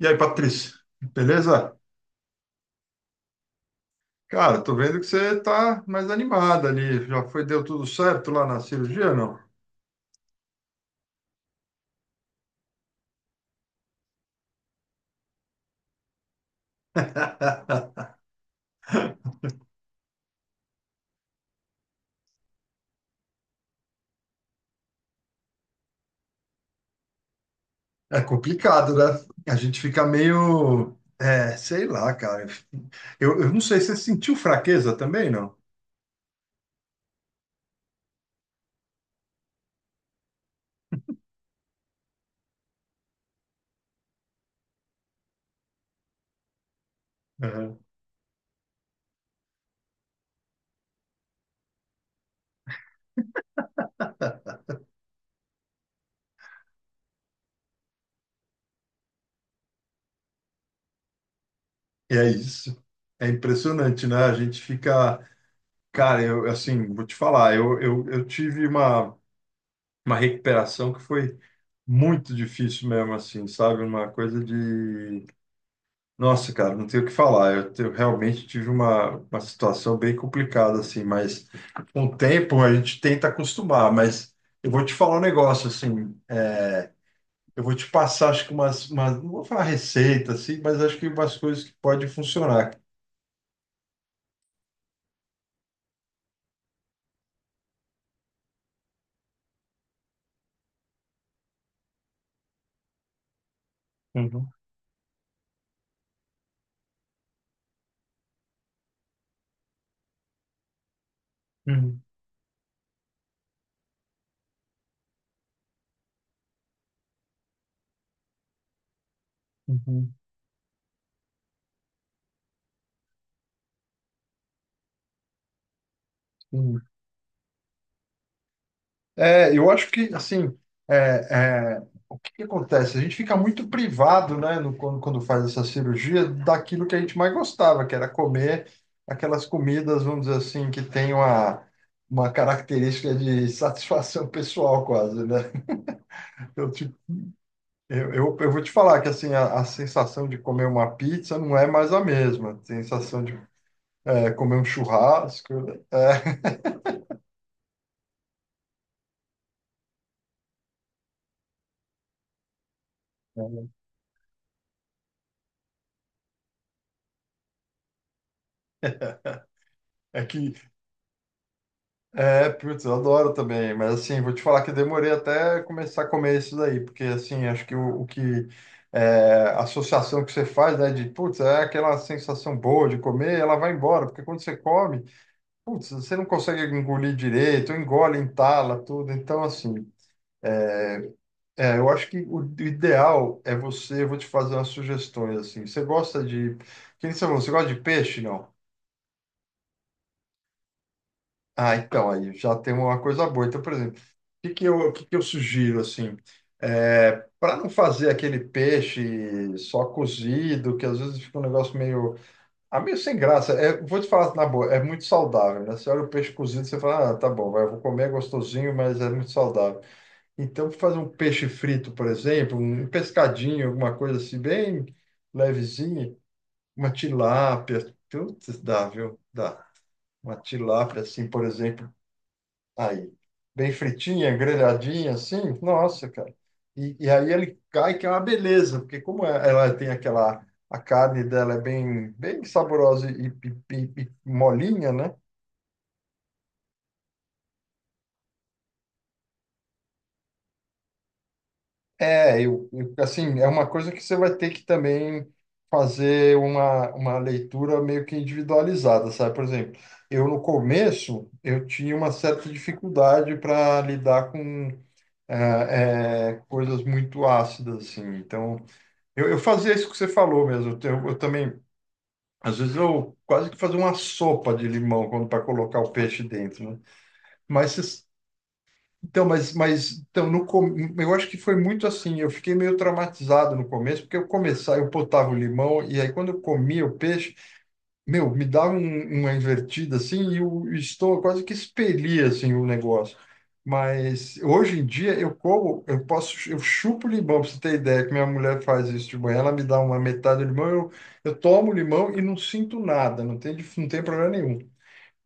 E aí, Patrícia, beleza? Cara, tô vendo que você tá mais animada ali. Já foi, deu tudo certo lá na cirurgia, não? É complicado, né? A gente fica meio, sei lá, cara. Eu não sei, você sentiu fraqueza também, não? Uhum. E é isso. É impressionante, né? A gente fica, cara, eu assim, vou te falar, eu tive uma recuperação que foi muito difícil mesmo, assim, sabe? Uma coisa de Nossa, cara, não tenho o que falar. Eu realmente tive uma situação bem complicada, assim, mas com o tempo a gente tenta acostumar. Mas eu vou te falar um negócio, assim, eu vou te passar, acho que não vou falar receita, assim, mas acho que umas coisas que podem funcionar. Uhum, uhum, uhum, uhum. É, eu acho que, assim, é, é, o que que acontece? A gente fica muito privado, né, quando faz essa cirurgia, daquilo que a gente mais gostava, que era comer aquelas comidas, vamos dizer assim, que tem uma característica de satisfação pessoal quase, né? Eu, te- eu vou te falar que, assim, a sensação de comer uma pizza não é mais a mesma. A sensação de comer um churrasco, é, é que É, putz, eu adoro também, mas assim, vou te falar que eu demorei até começar a comer isso daí, porque assim, acho que o que é, a associação que você faz, né, de putz, é aquela sensação boa de comer, ela vai embora, porque quando você come, putz, você não consegue engolir direito, engole, entala, tudo, então assim, é, eu acho que o ideal é você, eu vou te fazer umas sugestões, assim, você gosta de, que nem você falou, você gosta de peixe, não? Ah, então, aí já tem uma coisa boa. Então, por exemplo, o que que eu sugiro, assim, para não fazer aquele peixe só cozido, que às vezes fica um negócio meio, meio sem graça. É, vou te falar na boa, é muito saudável, né? Você olha o peixe cozido, você fala, ah, tá bom, vai, eu vou comer, é gostosinho, mas é muito saudável. Então, fazer um peixe frito, por exemplo, um pescadinho, alguma coisa assim, bem levezinha, uma tilápia, tudo dá, viu? Dá. Uma tilápia, assim, por exemplo. Aí, bem fritinha, grelhadinha, assim, nossa, cara. E aí ele cai, que é uma beleza, porque ela tem aquela, a carne dela é bem, bem saborosa e molinha, né? É, assim, é uma coisa que você vai ter que também fazer uma leitura meio que individualizada, sabe? Por exemplo, eu no começo, eu tinha uma certa dificuldade para lidar com coisas muito ácidas, assim, então. Eu fazia isso que você falou mesmo. Eu também, às vezes, eu quase que fazia uma sopa de limão quando para colocar o peixe dentro, né? Mas vocês- então, mas então, no, com- eu acho que foi muito assim. Eu fiquei meio traumatizado no começo, porque eu começava, eu botava o limão, e aí quando eu comia o peixe, meu, me dava uma invertida assim e o estou quase que expelia assim o negócio. Mas hoje em dia eu como, eu posso, eu chupo limão, pra você ter ideia que minha mulher faz isso de manhã, ela me dá uma metade do limão, eu tomo limão e não sinto nada, não tem problema nenhum.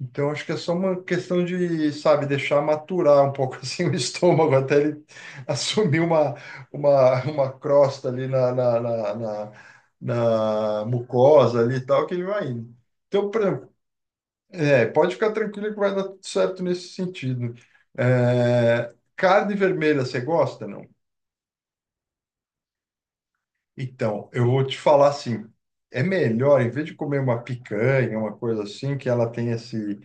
Então, acho que é só uma questão de, sabe, deixar maturar um pouco assim o estômago até ele assumir uma crosta ali na mucosa ali e tal, que ele vai indo. Então, por exemplo, pode ficar tranquilo que vai dar tudo certo nesse sentido. É, carne vermelha, você gosta, não? Então, eu vou te falar assim, é melhor, em vez de comer uma picanha, uma coisa assim. Que ela tem esse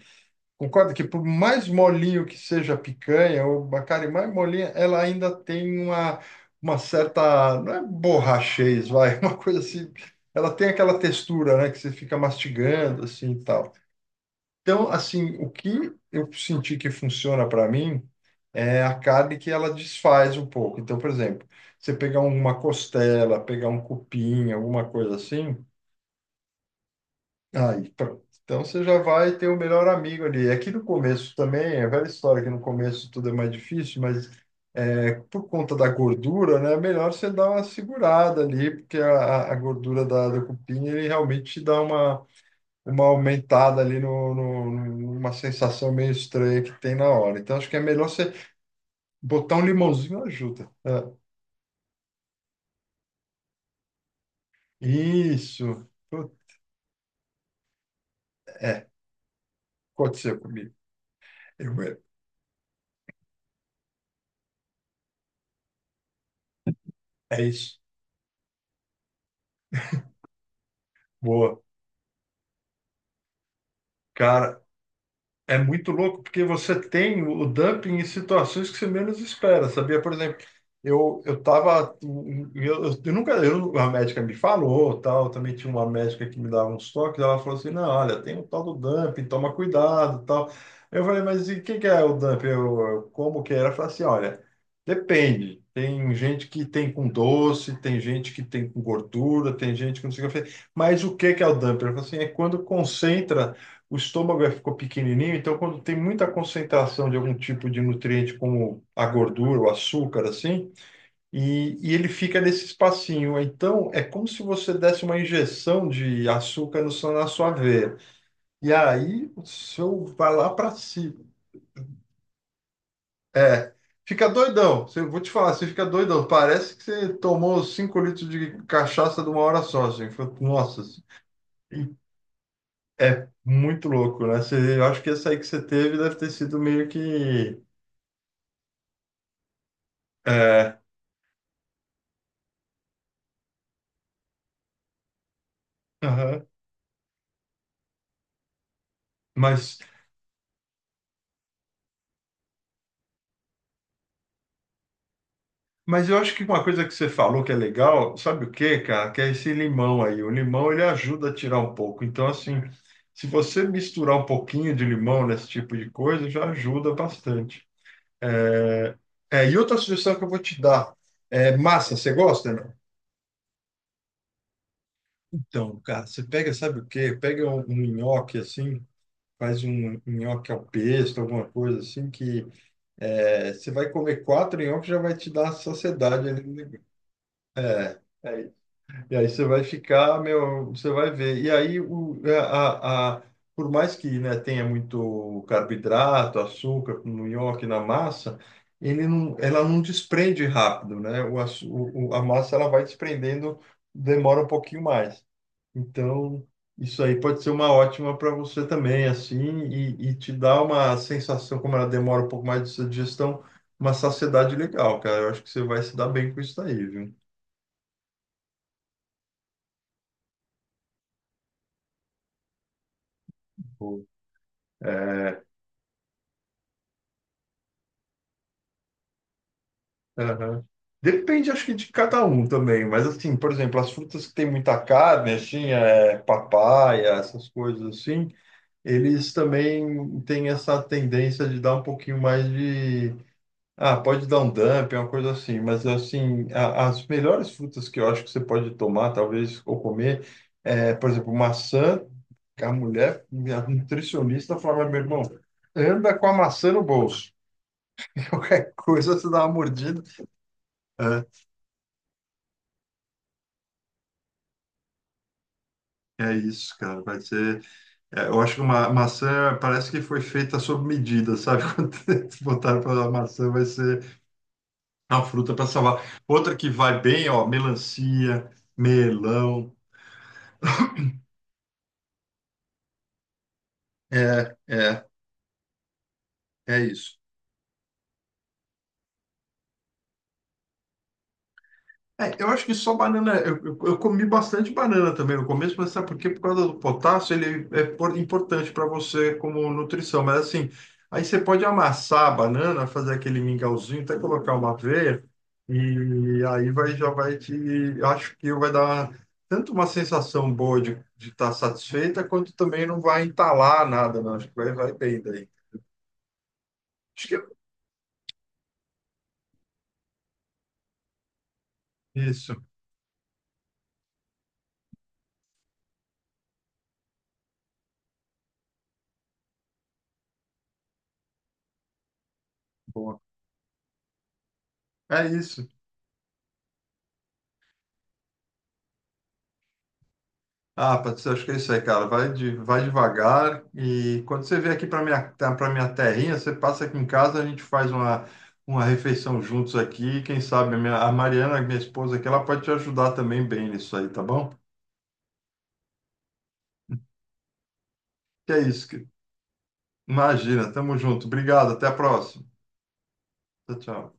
Concorda que por mais molinho que seja a picanha, ou a carne mais molinha, ela ainda tem uma certa, não é borrachez, vai, uma coisa assim, ela tem aquela textura, né, que você fica mastigando, assim, e tal. Então, assim, o que eu senti que funciona para mim é a carne que ela desfaz um pouco. Então, por exemplo, você pegar uma costela, pegar um cupim, alguma coisa assim. Aí, pronto. Então você já vai ter o melhor amigo ali. Aqui no começo também, é velha história que no começo tudo é mais difícil, mas por conta da gordura, né, é melhor você dar uma segurada ali, porque a gordura da cupinha ele realmente te dá uma aumentada ali numa sensação meio estranha que tem na hora. Então acho que é melhor você botar um limãozinho ajuda, né? Isso. Puta, É, aconteceu comigo. Eu- É é isso. Boa. Cara, é muito louco, porque você tem o dumping em situações que você menos espera, sabia? Por exemplo, eu tava. Eu nunca. A médica me falou, tal. Também tinha uma médica que me dava uns toques. Ela falou assim: não, olha, tem o tal do dumping, toma cuidado, tal. Eu falei, mas e o que, que é o dumping? Como que é? Ela falou assim: olha, depende. Tem gente que tem com doce, tem gente que tem com gordura, tem gente que não sei o que. Eu falei, mas o que, que é o dumping? Ela falou assim: é quando concentra o estômago ficou pequenininho, então quando tem muita concentração de algum tipo de nutriente, como a gordura, o açúcar, assim, e ele fica nesse espacinho. Então é como se você desse uma injeção de açúcar no, seu- na sua veia. E aí o seu vai lá para cima. É. Fica doidão. Vou te falar, você fica doidão. Parece que você tomou 5 litros de cachaça de uma hora só, assim. Nossa, assim. E é muito louco, né? Eu acho que essa aí que você teve deve ter sido meio que. É, aham. Mas, mas eu acho que uma coisa que você falou que é legal, sabe o quê, cara? Que é esse limão aí. O limão ele ajuda a tirar um pouco. Então, assim, se você misturar um pouquinho de limão nesse tipo de coisa, já ajuda bastante. É, e outra sugestão que eu vou te dar é massa. Você gosta, não? Então, cara, você pega, sabe o quê? Pega um nhoque assim, faz um nhoque ao pesto, alguma coisa assim, você vai comer quatro nhoques já vai te dar saciedade ali no negócio. E aí você vai ficar, meu, você vai ver. E aí, o, a- por mais que, né, tenha muito carboidrato, açúcar no nhoque, na massa, ele não, ela não desprende rápido, né? O, açu- o- a massa ela vai desprendendo, demora um pouquinho mais. Então, isso aí pode ser uma ótima para você também, assim, e te dá uma sensação, como ela demora um pouco mais de sua digestão, uma saciedade legal, cara. Eu acho que você vai se dar bem com isso daí, viu? Pô. Aham. Depende, acho que de cada um também, mas assim, por exemplo, as frutas que tem muita carne, assim, papaya, essas coisas assim, eles também têm essa tendência de dar um pouquinho mais de. Ah, pode dar um dump, uma coisa assim, mas assim, as melhores frutas que eu acho que você pode tomar, talvez, ou comer, por exemplo, maçã, que a mulher, a nutricionista falava, meu irmão, anda com a maçã no bolso. Qualquer coisa você dá uma mordida. É isso, cara. Vai ser. Eu acho que uma maçã parece que foi feita sob medida, sabe? Quando eles botaram para a maçã, vai ser a fruta para salvar. Outra que vai bem, ó, melancia, melão. É, é, é isso. É, eu acho que só banana. Eu comi bastante banana também no começo, mas sabe por quê? Por causa do potássio, ele é importante para você como nutrição. Mas assim, aí você pode amassar a banana, fazer aquele mingauzinho, até colocar uma aveia, e aí vai, já vai te. Acho que vai dar tanto uma sensação boa de estar satisfeita, quanto também não vai entalar nada, não. Acho que vai, vai bem daí. Acho que é isso. Boa. É isso. Ah, Patrícia, acho que é isso aí, cara. Vai devagar e quando você vier aqui para minha terrinha, você passa aqui em casa, a gente faz uma refeição juntos aqui. Quem sabe a Mariana, minha esposa aqui, ela pode te ajudar também bem nisso aí, tá bom? Que é isso, imagina. Tamo junto. Obrigado. Até a próxima. Tchau, tchau.